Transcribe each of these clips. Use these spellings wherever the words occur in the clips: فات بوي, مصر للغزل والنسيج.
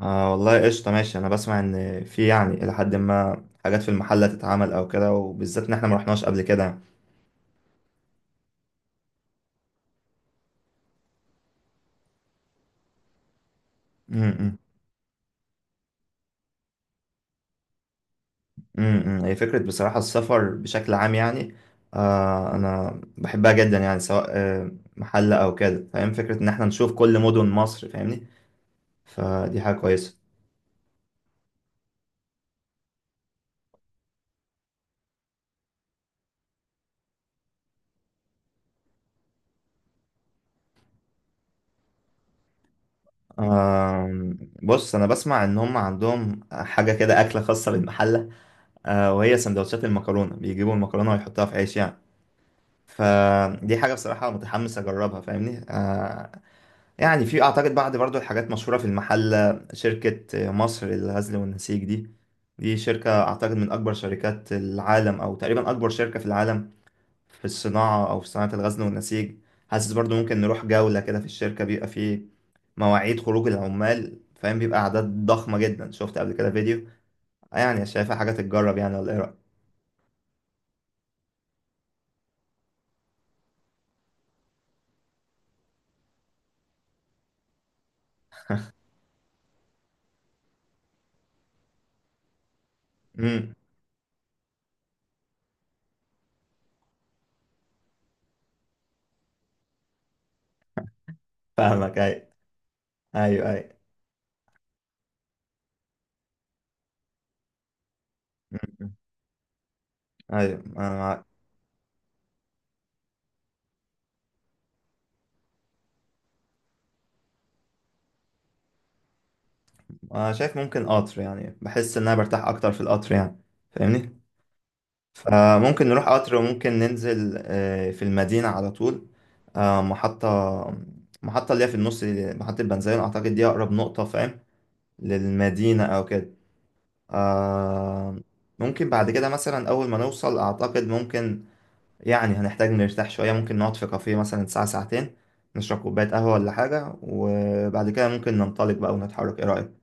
آه، والله قشطة ماشي. أنا بسمع إن في إلى حد ما حاجات في المحلة تتعمل أو كده، وبالذات إن إحنا مرحناش قبل كده. امم امم هي فكرة بصراحة. السفر بشكل عام آه، أنا بحبها جدا، يعني سواء آه محلة أو كده، فاهم؟ فكرة إن إحنا نشوف كل مدن مصر، فاهمني؟ فدي حاجة كويسة. آه، بص، أنا بسمع إن هم عندهم حاجة كده، أكلة خاصة بالمحلة، آه، وهي سندوتشات المكرونة، بيجيبوا المكرونة ويحطوها في عيش يعني. فدي حاجة بصراحة متحمس أجربها، فاهمني؟ آه، يعني في أعتقد بعض برضو الحاجات مشهورة في المحل. شركة مصر للغزل والنسيج دي، دي شركة أعتقد من أكبر شركات العالم، أو تقريبا أكبر شركة في العالم في الصناعة، أو في صناعة الغزل والنسيج. حاسس برضو ممكن نروح جولة كده في الشركة. بيبقى فيه مواعيد خروج العمال، فاهم؟ بيبقى أعداد ضخمة جدا، شفت قبل كده فيديو. آه، يعني شايفها حاجة تتجرب يعني، ولا إيه رأيك؟ مم، فاهمك. أيوه، أيوه، أيوه. مم. ايوه. انا شايف ممكن قطر يعني، بحس ان انا برتاح اكتر في القطر يعني، فاهمني؟ فممكن نروح قطر، وممكن ننزل آه، في المدينة على طول. آه، محطة اللي هي في النص دي، محطة بنزين اعتقد، دي اقرب نقطة، فاهم؟ للمدينة او كده. آه، ممكن بعد كده مثلا اول ما نوصل اعتقد ممكن يعني هنحتاج نرتاح شوية. ممكن نقعد في كافيه مثلا ساعة ساعتين، نشرب كوباية قهوة ولا حاجة، وبعد كده ممكن ننطلق بقى ونتحرك. ايه رأيك؟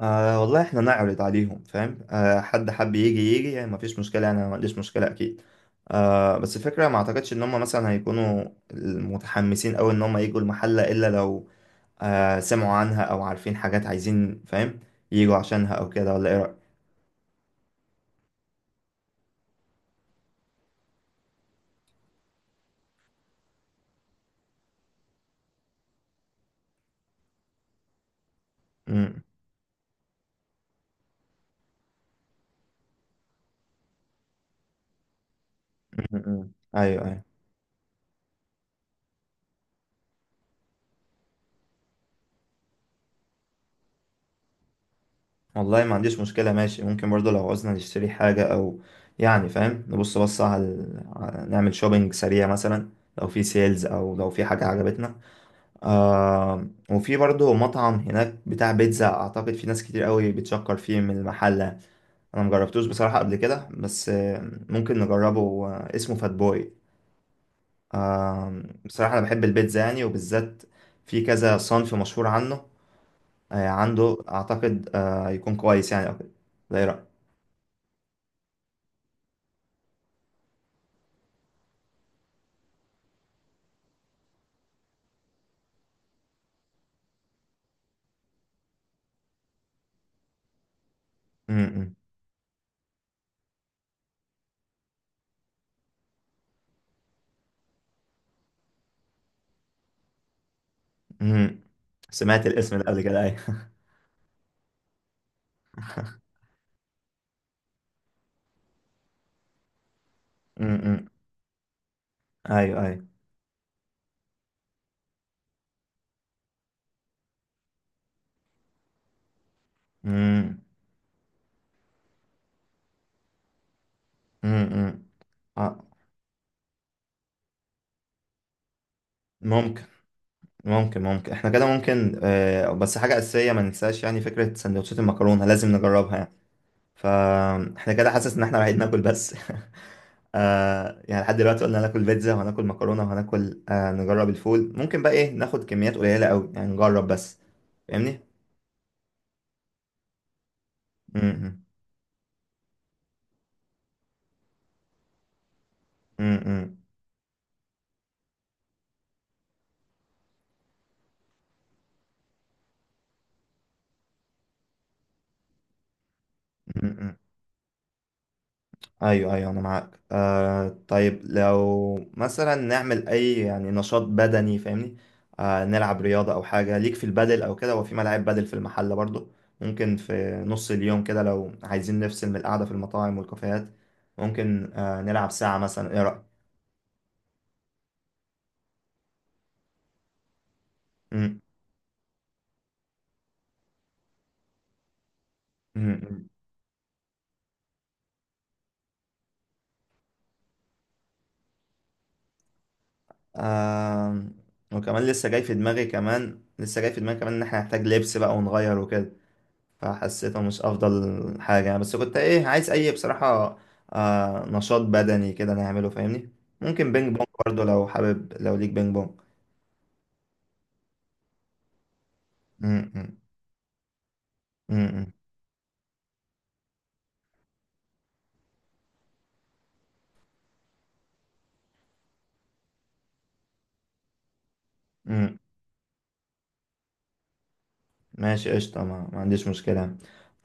آه والله، احنا نعرض عليهم فاهم؟ آه، حد حب يجي يجي، يعني مفيش مشكلة، انا ما عنديش مشكلة اكيد. آه، بس الفكرة ما اعتقدش ان هم مثلا هيكونوا متحمسين اوي ان هم يجوا المحلة، الا لو آه سمعوا عنها او عارفين حاجات عايزين، فاهم؟ يجوا عشانها او كده، ولا ايه رأيك؟ مم، مم، مم. ايوه، ايوه. والله ما عنديش مشكلة، ماشي. ممكن برضو لو عاوزنا نشتري حاجة او يعني فاهم، نبص على نعمل شوبينج سريع مثلا لو في سيلز او لو في حاجة عجبتنا. آه، وفي برضه مطعم هناك بتاع بيتزا اعتقد، في ناس كتير قوي بتشكر فيه من المحل. انا مجربتوش بصراحة قبل كده، بس آه ممكن نجربه. آه، اسمه فات بوي. آه، بصراحة انا بحب البيتزا يعني، وبالذات في كذا صنف مشهور عنه. آه، عنده اعتقد آه يكون كويس يعني او كده. ده ايه رأيك؟ م- م- م. سمعت الاسم ده قبل كده، ايوه. م- م. ايوه، ايوه. م- م- م. آه، ممكن ممكن احنا كده ممكن آه، بس حاجة أساسية ما ننساش، يعني فكرة سندوتشات المكرونة لازم نجربها يعني. فاحنا كده حاسس إن احنا رايحين ناكل بس. آه، يعني لحد دلوقتي قلنا هناكل بيتزا، وهناكل مكرونة، وهناكل آه، نجرب الفول. ممكن بقى إيه، ناخد كميات قليلة أوي يعني، نجرب بس، فاهمني؟ م- م- م- م- م- ايوه، ايوه، انا معاك. آه طيب، لو مثلا نعمل اي يعني نشاط بدني، فاهمني؟ آه، نلعب رياضة او حاجة، ليك في البادل او كده؟ هو في ملاعب بادل في المحل برضو. ممكن في نص اليوم كده، لو عايزين نفصل من القعدة في المطاعم والكافيهات، ممكن آه نلعب ساعة مثلا. ايه رأيك؟ مم، مم، مم. آه، وكمان لسه جاي في دماغي كمان لسه جاي في دماغي كمان ان احنا نحتاج لبس بقى ونغير وكده. فحسيته مش افضل حاجة يعني، بس كنت ايه عايز اي بصراحة آه نشاط بدني كده نعمله، فاهمني؟ ممكن بينج بونج برضو لو حابب، لو ليك بينج بونج. م- م- م- م- م. ماشي قشطة، ما عنديش مشكلة.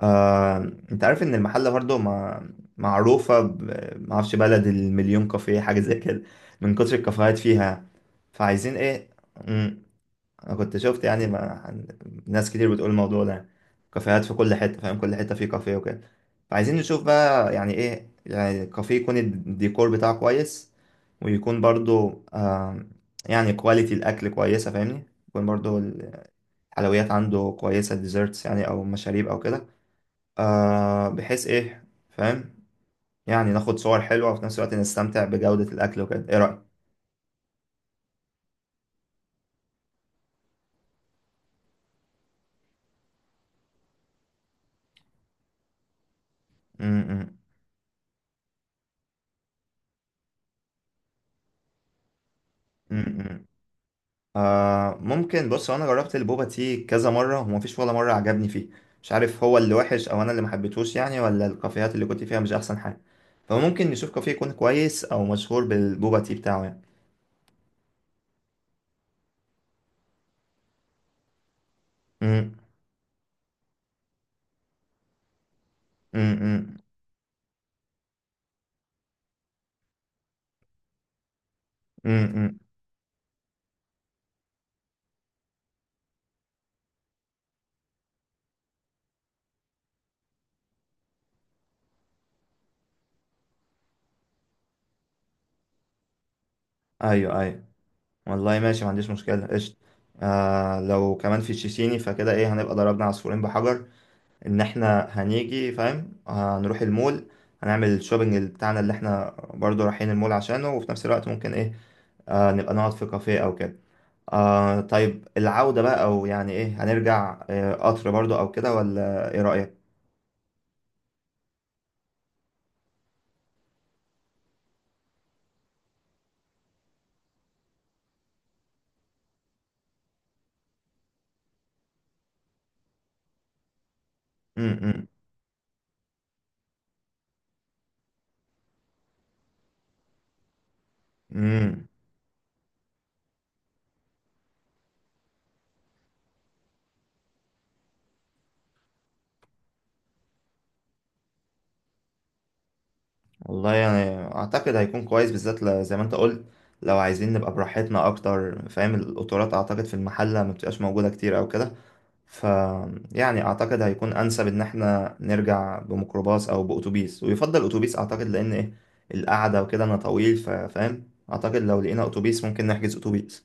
آه، انت عارف ان المحلة برضو ما معروفة ما اعرفش، بلد المليون كافيه، حاجة زي كده، من كتر الكافيهات فيها. فعايزين ايه؟ انا كنت شفت يعني ما... ناس كتير بتقول الموضوع ده، كافيهات في كل حته، فاهم؟ كل حته فيه كافيه وكده. فعايزين نشوف بقى يعني ايه، يعني كافيه يكون الديكور بتاعه كويس، ويكون برضو آم، يعني كواليتي الاكل كويسه، فاهمني؟ يكون برضو الحلويات عنده كويسه، ديزرتس يعني او مشاريب او كده. آه، بحيث ايه، فاهم؟ يعني ناخد صور حلوه، وفي نفس الوقت نستمتع بجوده الاكل وكده. ايه رايك؟ م- م- م- م. آه ممكن، بص، هو انا جربت البوبا تي كذا مره، ومفيش ولا مره عجبني فيه. مش عارف هو اللي وحش او انا اللي محبتهوش يعني، ولا الكافيهات اللي كنت فيها مش احسن حاجه. فممكن نشوف كافيه يكون كويس او مشهور بالبوبا تي بتاعه يعني. امم امم امم. ايوه، ايوه. والله ماشي ما عنديش مشكله قشطه. آه، لو كمان في تشيشيني، فكده ايه، هنبقى ضربنا عصفورين بحجر، ان احنا هنيجي، فاهم؟ هنروح المول، هنعمل الشوبينج بتاعنا، اللي احنا برضو رايحين المول عشانه، وفي نفس الوقت ممكن ايه آه نبقى نقعد في كافيه او كده. آه طيب، العودة بقى، او يعني ايه، هنرجع آه قطر برضو او كده، ولا ايه رأيك؟ امم امم إمم. والله يعني اعتقد هيكون كويس، بالذات زي ما انت قلت لو عايزين نبقى براحتنا اكتر، فاهم؟ القطارات اعتقد في المحلة ما بتبقاش موجودة كتير او كده. ف يعني اعتقد هيكون انسب ان احنا نرجع بميكروباص او باتوبيس، ويفضل اتوبيس اعتقد، لان ايه القعدة وكده انا طويل، فاهم؟ اعتقد لو لقينا اتوبيس ممكن نحجز اتوبيس.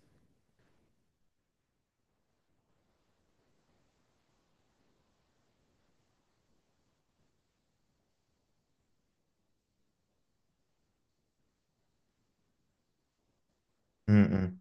إمم.